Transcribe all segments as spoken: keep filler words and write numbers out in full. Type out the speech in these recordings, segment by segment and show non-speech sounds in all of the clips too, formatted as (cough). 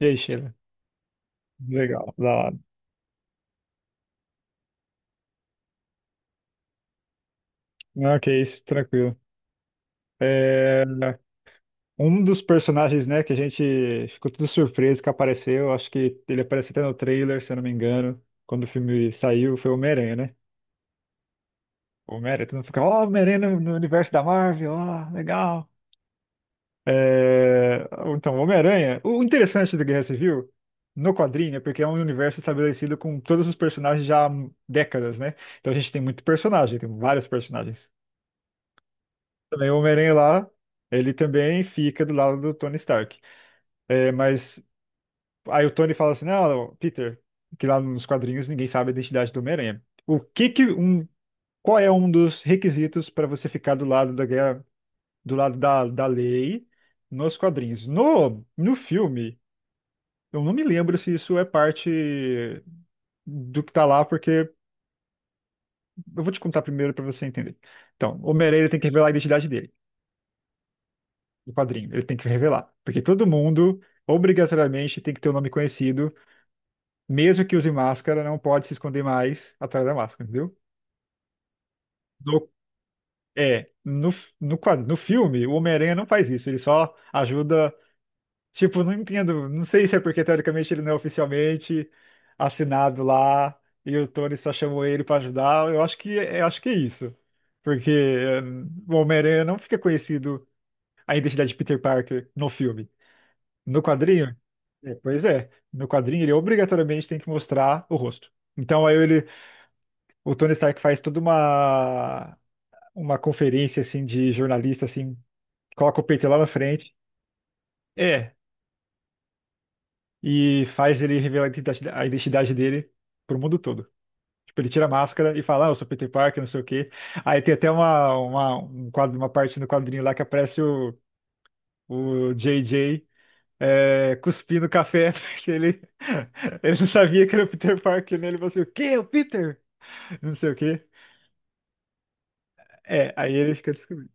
E aí, Sheila? Legal, da hora. Não, que isso, tranquilo. É, um dos personagens, né, que a gente ficou tudo surpreso que apareceu, acho que ele apareceu até no trailer, se eu não me engano, quando o filme saiu, foi o Homem-Aranha, né? O Homem-Aranha, todo mundo fica, ó, Homem-Aranha no, no universo da Marvel, ó, legal. É, então, o Homem-Aranha, o interessante do Guerra Civil, no quadrinho, é porque é um universo estabelecido com todos os personagens já há décadas, né? Então a gente tem muito personagem, tem vários personagens. Também o Homem-Aranha lá, ele também fica do lado do Tony Stark. É, mas aí o Tony fala assim, não, Peter, que lá nos quadrinhos ninguém sabe a identidade do Homem-Aranha. O que que um, qual é um dos requisitos para você ficar do lado da guerra, do lado da, da lei nos quadrinhos? No, no filme, eu não me lembro se isso é parte do que tá lá, porque eu vou te contar primeiro para você entender. Então, o Homem-Aranha tem que revelar a identidade dele. Do padrinho. Ele tem que revelar. Porque todo mundo, obrigatoriamente, tem que ter o nome conhecido. Mesmo que use máscara, não pode se esconder mais atrás da máscara, entendeu? No- é, no, no, quad- no filme, o Homem-Aranha não faz isso. Ele só ajuda. Tipo, não entendo. Não sei se é porque, teoricamente, ele não é oficialmente assinado lá. E o Tony só chamou ele pra ajudar. Eu acho que, eu acho que é isso. Porque eh, o Homem-Aranha não fica conhecido a identidade de Peter Parker no filme. No quadrinho? É, pois é. No quadrinho ele obrigatoriamente tem que mostrar o rosto. Então aí ele, o Tony Stark faz toda uma uma conferência assim de jornalista assim, coloca o peito lá na frente. É, e faz ele revelar a identidade a identidade dele pro mundo todo. Tipo, ele tira a máscara e fala, ah, eu sou Peter Parker, não sei o quê. Aí tem até uma, uma, um quadro, uma parte no quadrinho lá que aparece o, o jota jota é, cuspindo café, (laughs) porque ele, ele não sabia que era o Peter Parker, né? Ele falou assim, o quê? É o Peter? Não sei o quê. É, aí ele fica descobrindo.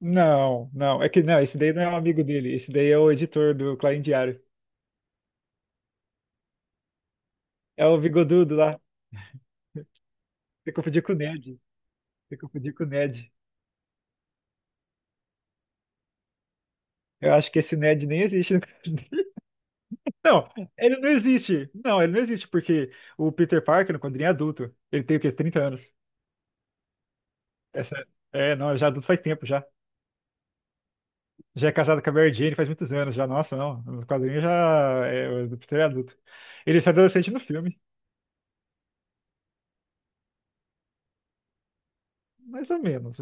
Não, não, é que não, esse daí não é um amigo dele, esse daí é o editor do Clarim Diário. É o bigodudo lá, você confundiu com o Ned, você confundiu com o Ned. Eu acho que esse Ned nem existe. (laughs) Não, ele não existe. Não, ele não existe, porque o Peter Parker, quando ele é adulto, ele tem o quê? Trinta anos. Essa, é, não, já é adulto faz tempo já. Já é casado com a Mary Jane faz muitos anos já. Nossa, não. No quadrinho já é ele é adulto. Ele é adolescente no filme, mais ou menos.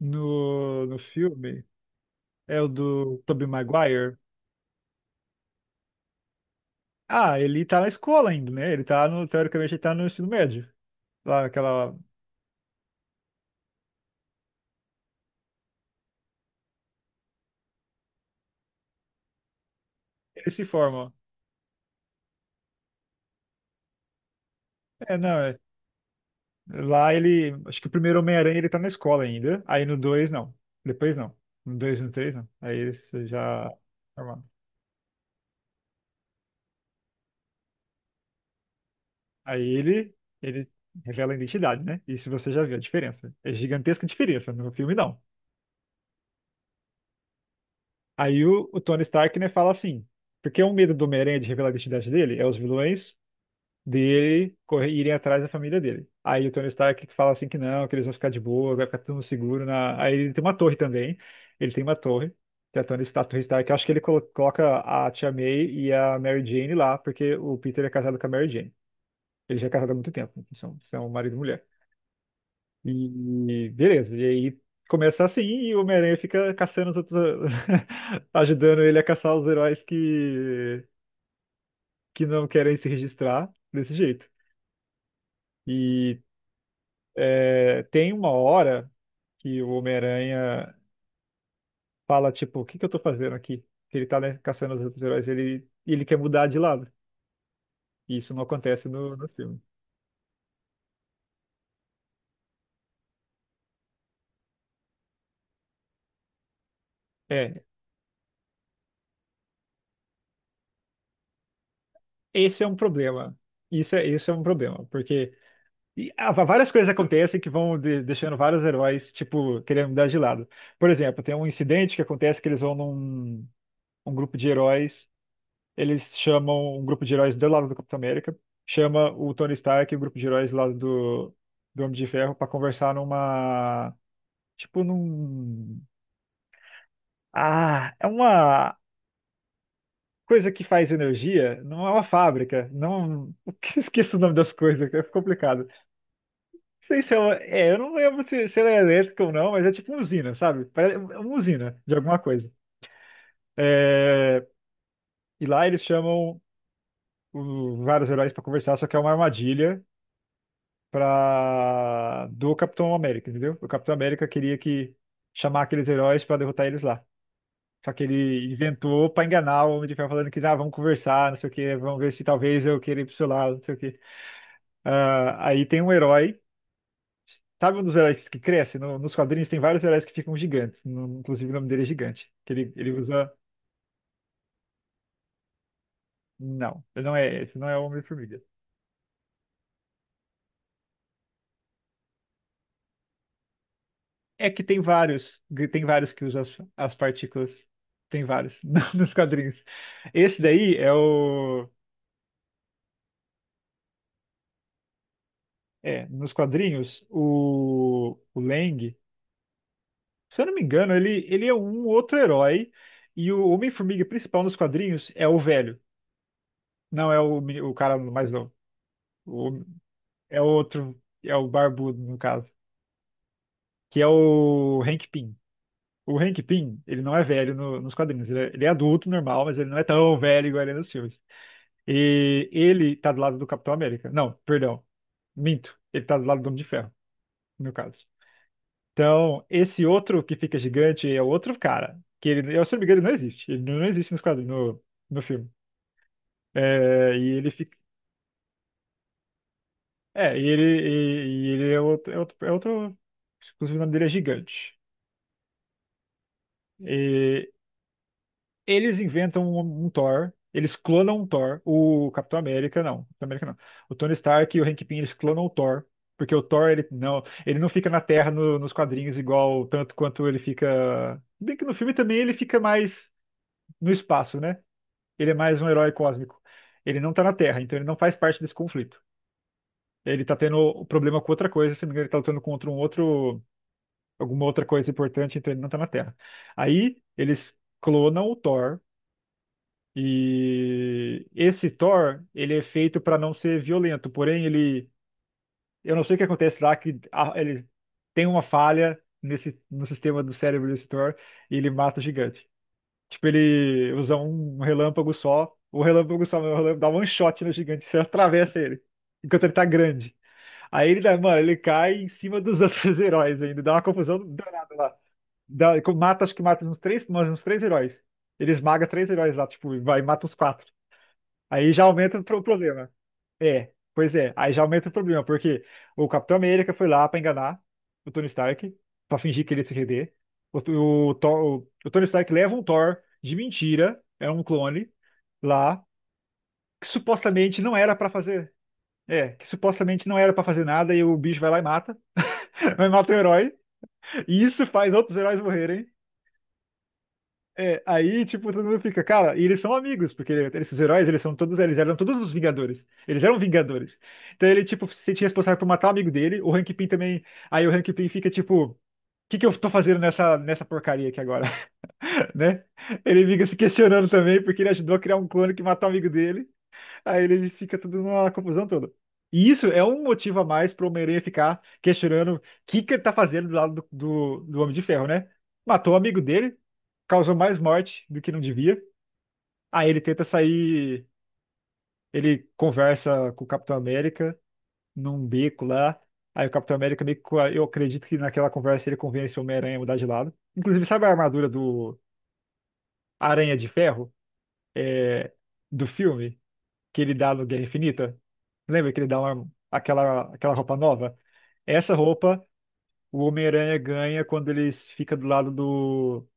No, no filme é o do Tobey Maguire. Ah, ele tá na escola ainda, né? Ele tá no, teoricamente, ele tá no ensino médio. Lá naquela. Ele se forma. É, não, é. Lá ele. Acho que o primeiro Homem-Aranha ele tá na escola ainda. Aí no dois não. Depois não. No dois e no três não. Aí ele se já. Aí ele, ele revela a identidade, né? Isso você já viu a diferença. É gigantesca a diferença no filme, não. Aí o, o Tony Stark, né, fala assim, porque o medo do Homem-Aranha de revelar a identidade dele é os vilões dele correr, irem atrás da família dele. Aí o Tony Stark fala assim que não, que eles vão ficar de boa, vai ficar tudo seguro na... Aí ele tem uma torre também, ele tem uma torre, que é a Tony Stark, a Torre Stark. Eu acho que ele colo- coloca a Tia May e a Mary Jane lá, porque o Peter é casado com a Mary Jane. Ele já é casado há muito tempo, são, são marido e mulher. E beleza, e aí começa assim e o Homem-Aranha fica caçando os outros, (laughs) ajudando ele a caçar os heróis que, que não querem se registrar desse jeito. E é, tem uma hora que o Homem-Aranha fala, tipo, o que que eu tô fazendo aqui? Que ele tá, né, caçando os outros heróis, ele, ele quer mudar de lado. E isso não acontece no, no filme. É, esse é um problema. Isso é, isso é um problema, porque E ah, va- várias coisas acontecem que vão de- deixando vários heróis, tipo, querendo mudar de lado. Por exemplo, tem um incidente que acontece que eles vão num um grupo de heróis, eles chamam um grupo de heróis do lado do Capitão América, chama o Tony Stark e o grupo de heróis lá do, do Homem de Ferro para conversar numa, tipo, num... Ah, é uma coisa que faz energia, não é uma fábrica, não... (laughs) Eu esqueço o nome das coisas, é complicado. Sei se é, uma- é, eu não lembro se, se ela é elétrica ou não, mas é tipo uma usina, sabe? Parece é uma usina de alguma coisa. É, e lá eles chamam o- vários heróis pra conversar, só que é uma armadilha pra, do Capitão América, entendeu? O Capitão América queria que chamar aqueles heróis pra derrotar eles lá. Só que ele inventou pra enganar o Homem de Ferro, falando que ah, vamos conversar, não sei o quê, vamos ver se talvez eu queira ir pro seu lado, não sei o quê. Ah, aí tem um herói. Sabe um dos heróis que cresce? No- nos quadrinhos tem vários heróis que ficam gigantes. No- inclusive o nome dele é gigante. Que ele, ele usa. Não, ele não é esse, não é o Homem-Formiga. É que tem vários, tem vários que usam as, as partículas. Tem vários (laughs) no- nos quadrinhos. Esse daí é o. É, nos quadrinhos, o, o Lang, se eu não me engano, ele, ele é um outro herói. E o Homem-Formiga principal nos quadrinhos é o velho. Não é o, meni- o cara mais novo. O- é outro, é o barbudo, no caso. Que é o Hank Pym. O Hank Pym, ele não é velho no- nos quadrinhos. Ele é, ele é adulto, normal, mas ele não é tão velho igual ele é nos filmes. E ele tá do lado do Capitão América. Não, perdão. Minto. Ele tá do lado do Homem de Ferro, no caso. Então, esse outro que fica gigante é outro cara. Que ele, eu, se não me engano, ele não existe. Ele não existe nos quadrinhos, no, no filme. É, e ele fica. É, e ele, e, e ele é outro, é outro, é outro. Inclusive, o nome dele é Gigante. E eles inventam um, um Thor, eles clonam um Thor, o Capitão América não, Capitão América não. O Tony Stark e o Hank Pym, eles clonam o Thor, porque o Thor, ele não, ele não fica na Terra no- nos quadrinhos igual tanto quanto ele fica, bem que no filme também ele fica mais no espaço, né? Ele é mais um herói cósmico. Ele não tá na Terra, então ele não faz parte desse conflito. Ele tá tendo o problema com outra coisa, se não me engano, ele tá lutando contra um outro, alguma outra coisa importante, então ele não tá na Terra. Aí eles clonam o Thor. E esse Thor, ele é feito para não ser violento, porém ele, eu não sei o que acontece lá que a- ele tem uma falha nesse no sistema do cérebro desse Thor e ele mata o gigante. Tipo, ele usa um relâmpago só, o relâmpago só, o relâmpago dá one shot no gigante, (laughs) você atravessa ele enquanto ele tá grande. Aí ele dá, mano, ele cai em cima dos (laughs) outros heróis ainda, dá uma confusão danada lá. Dá, mata, acho que mata uns três, mas uns três heróis. Ele esmaga três heróis lá, tipo, e vai e mata os quatro. Aí já aumenta o pro- problema. É, pois é. Aí já aumenta o problema, porque o Capitão América foi lá pra enganar o Tony Stark, pra fingir que ele ia se render. O, o, Thor- o Tony Stark leva um Thor de mentira, é um clone, lá, que supostamente não era pra fazer. É, que supostamente não era pra fazer nada e o bicho vai lá e mata. (laughs) Vai matar o herói. E isso faz outros heróis morrerem. É, aí, tipo, todo mundo fica, cara, e eles são amigos, porque esses heróis, eles são todos, eles eram todos os Vingadores. Eles eram Vingadores. Então ele, tipo, se sentia responsável por matar o amigo dele, o Hank Pym também. Aí o Hank Pym fica, tipo, o que que eu tô fazendo nessa, nessa porcaria aqui agora, (laughs) né? Ele fica se questionando também, porque ele ajudou a criar um clone que matou o amigo dele. Aí ele fica tudo numa confusão toda. E isso é um motivo a mais pro Homem-Aranha ficar questionando o que que ele tá fazendo do lado do, do, do Homem de Ferro, né? Matou o amigo dele, causou mais morte do que não devia. Aí ele tenta sair, ele conversa com o Capitão América num beco lá. Aí o Capitão América meio que, co- eu acredito que naquela conversa ele convence o Homem-Aranha a mudar de lado. Inclusive, sabe a armadura do Aranha de Ferro? É, do filme? Que ele dá no Guerra Infinita? Lembra que ele dá uma, aquela, aquela roupa nova? Essa roupa o Homem-Aranha ganha quando ele fica do lado do,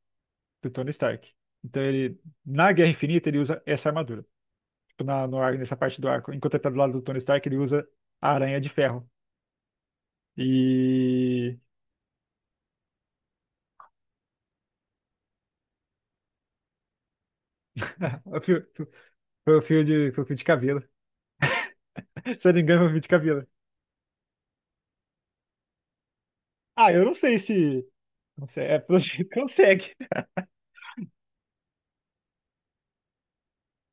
do Tony Stark. Então ele, na Guerra Infinita, ele usa essa armadura. Tipo, na, no ar- nessa parte do arco. Enquanto ele tá do lado do Tony Stark, ele usa a aranha de ferro. E. (laughs) o fio- Foi o fio de, foi o fio de cabelo. (laughs) Se eu não me engano, foi o fio de cabelo. Ah, eu não sei se. Não sei, é, (laughs) pelo jeito que consegue.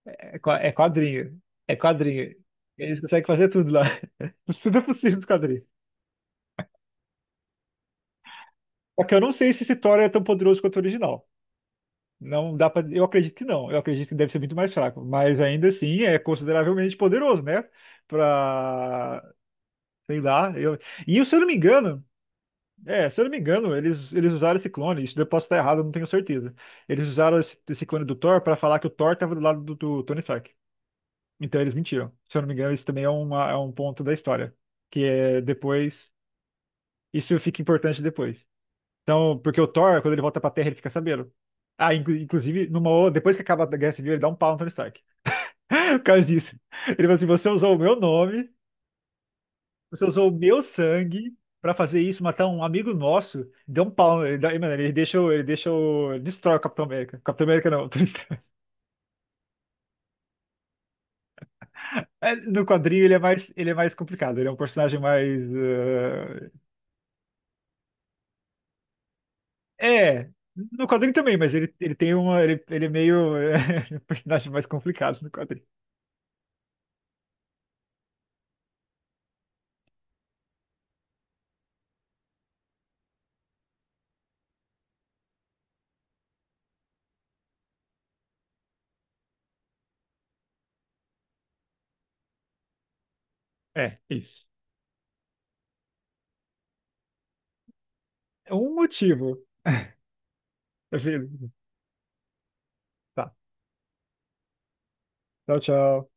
É qua- é quadrinho. É quadrinho. Eles conseguem fazer tudo lá. Tudo é possível dos quadrinhos. Só que eu não sei se esse Thor é tão poderoso quanto o original. Não dá para, eu acredito que não. Eu acredito que deve ser muito mais fraco, mas ainda assim é consideravelmente poderoso, né? Pra, sei lá, eu... E se eu não me engano, é, se eu não me engano, eles eles usaram esse clone, isso eu posso estar errado, eu não tenho certeza. Eles usaram esse, esse clone do Thor para falar que o Thor tava do lado do, do Tony Stark. Então eles mentiram. Se eu não me engano, isso também é uma, é um ponto da história, que é depois, isso fica importante depois. Então, porque o Thor, quando ele volta pra Terra, ele fica sabendo. Ah, inclu- inclusive, numa, o- depois que acaba a Guerra Civil, ele dá um pau no Tony Stark. (laughs) Por causa disso. Ele fala assim: você usou o meu nome, você usou o meu sangue pra fazer isso, matar um amigo nosso. Deu um pau. Ele, dá- mano, ele deixa, o- ele deixa, o- destrói o Capitão América. Capitão América não, (laughs) o Tony Stark. É, no quadrinho ele é mais, ele é mais, complicado, ele é um personagem mais. eh, É, no quadrinho também, mas ele, ele tem uma. Ele, ele é meio. (laughs) eh, um personagem mais complicado no quadrinho. É, isso. É um motivo. (laughs) Eu Tá. Tchau, tchau.